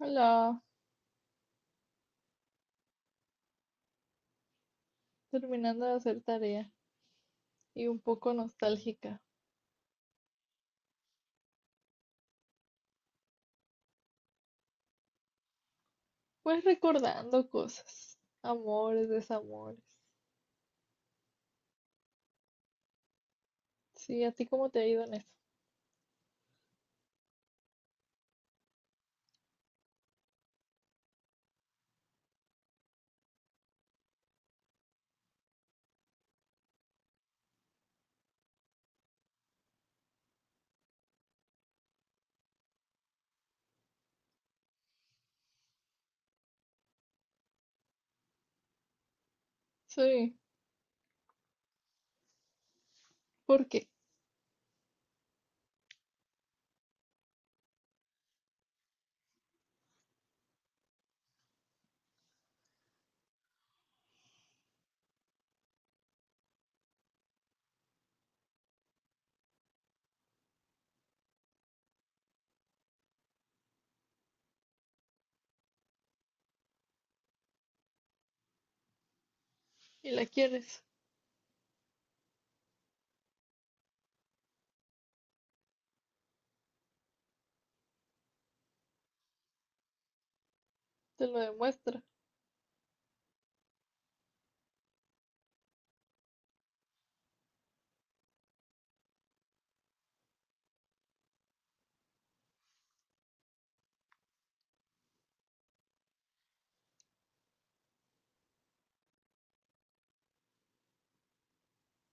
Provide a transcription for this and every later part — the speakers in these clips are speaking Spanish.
Hola, terminando de hacer tarea y un poco nostálgica, pues recordando cosas, amores, desamores. Sí, ¿a ti cómo te ha ido en eso? Sí, ¿por qué? ¿Y la quieres? Te lo demuestra.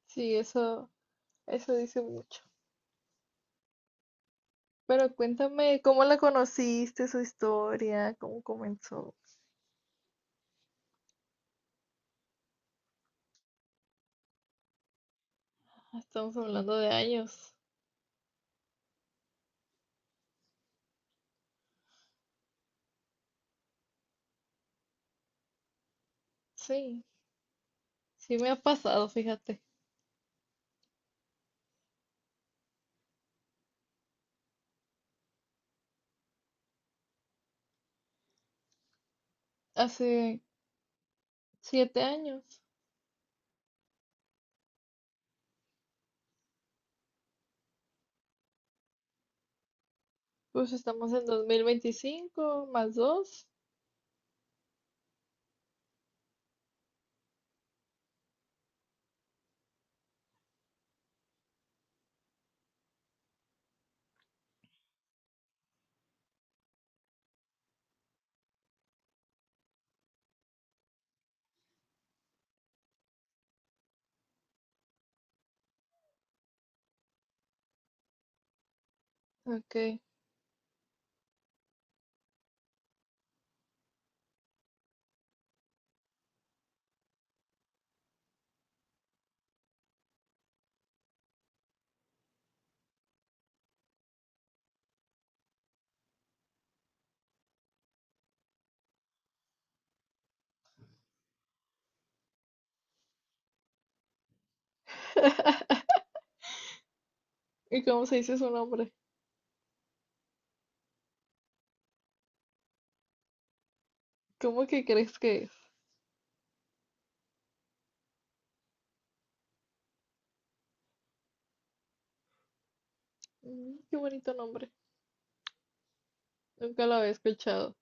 Sí, eso dice mucho. Pero cuéntame, ¿cómo la conociste, su historia, cómo comenzó? Ah, estamos hablando de años. Sí, sí me ha pasado, fíjate. Hace 7 años. Pues estamos en 2025 más dos. Ok. ¿Y cómo se dice su nombre? ¿Cómo que crees que es? Mm, qué bonito nombre. Nunca lo había escuchado.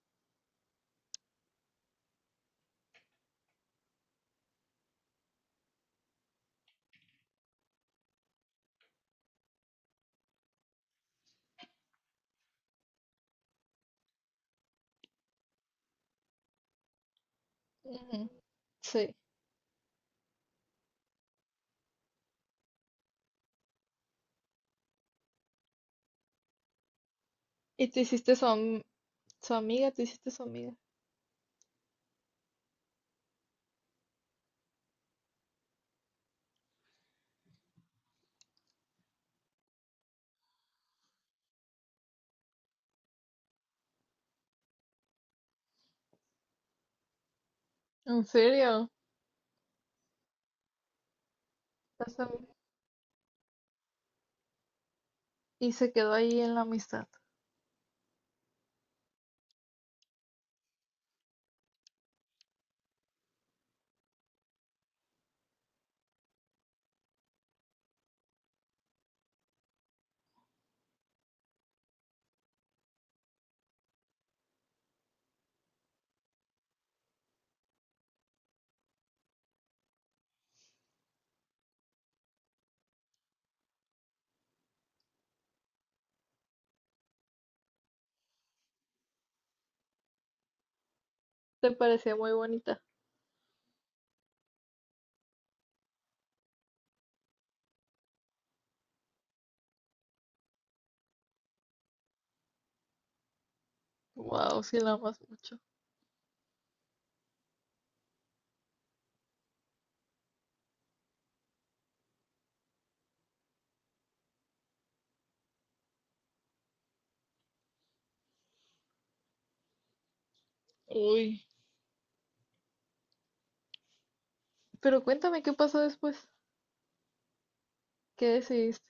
Ujú. Sí. ¿Y te hiciste su amiga? ¿Te hiciste su amiga? ¿En serio? Las am- Y se quedó ahí en la amistad. ¿Te parecía muy bonita? Wow, sí la amas mucho. Uy. Pero cuéntame qué pasó después. ¿Qué decidiste?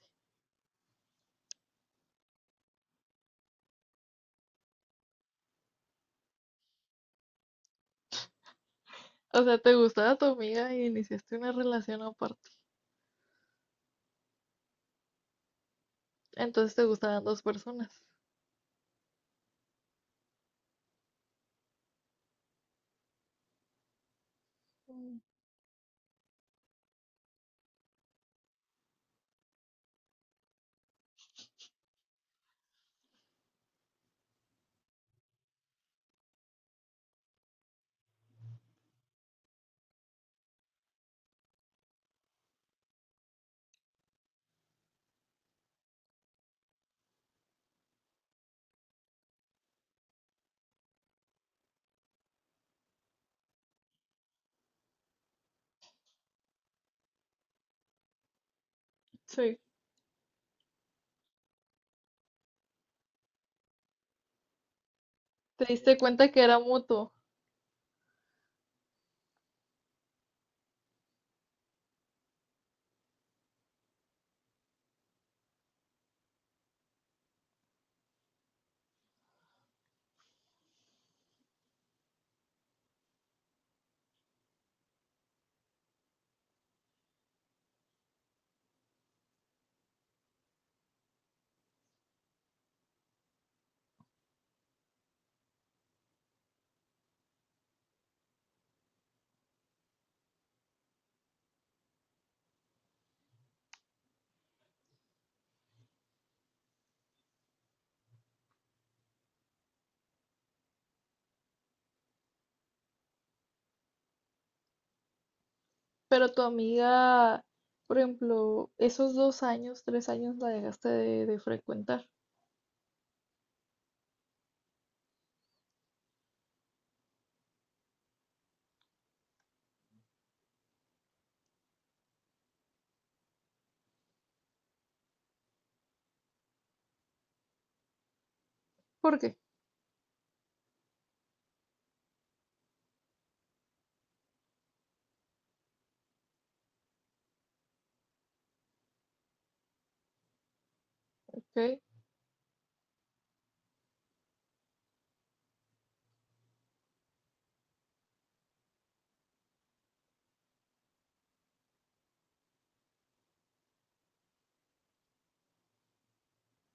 O sea, ¿te gustaba tu amiga y iniciaste una relación aparte? Entonces te gustaban dos personas. Mm. Sí. ¿Te diste cuenta que era mutuo? Pero tu amiga, por ejemplo, esos 2 años, 3 años la dejaste de frecuentar. ¿Por qué? ¿Ok?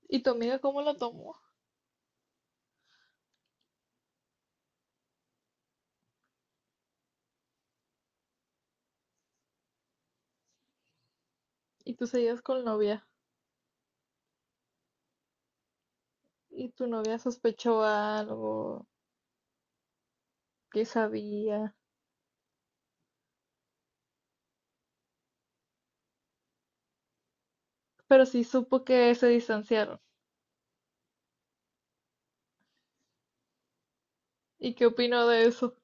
¿Y tu amiga cómo lo tomó? Y tú seguías con novia. Y tu novia sospechó algo, que sabía. Pero sí supo que se distanciaron. ¿Y qué opinó de eso?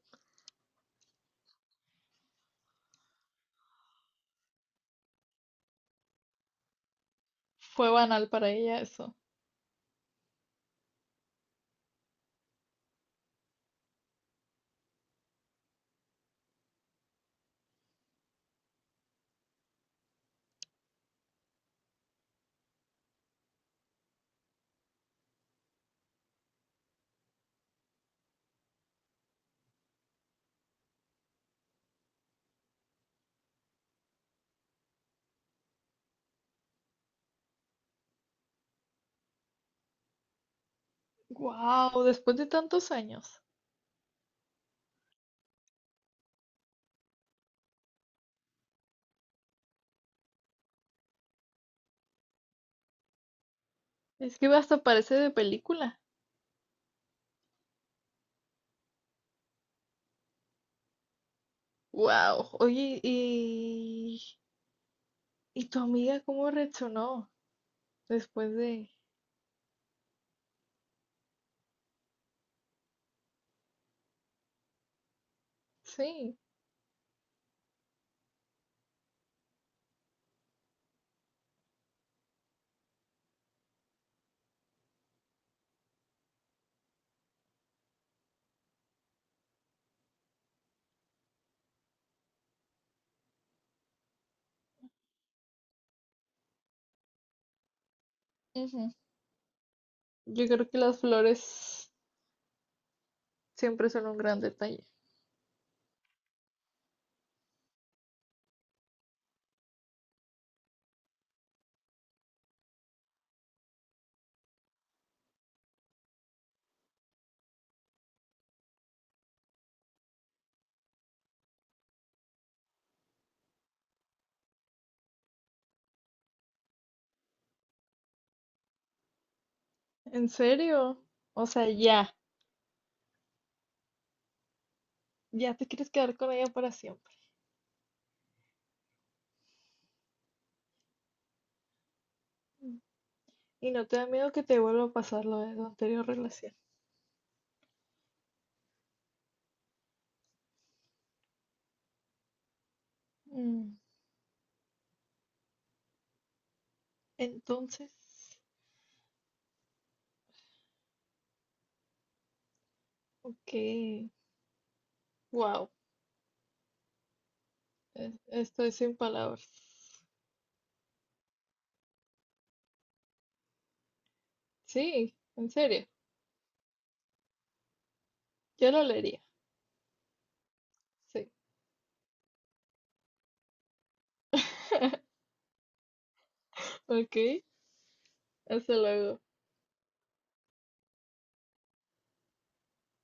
Fue banal para ella eso. Wow, después de tantos años. Es que hasta parece de película. Wow. Oye, y tu amiga cómo reaccionó después de, Sí. Ujú. Yo creo que las flores siempre son un gran detalle. ¿En serio? O sea, ya. Ya te quieres quedar con ella para siempre. Mm. Y no te da miedo que te vuelva a pasar lo de tu anterior relación. Mm. Entonces, ok. Wow. Estoy sin palabras. Sí, en serio. Yo lo leería. Sí. Ok. Hasta luego.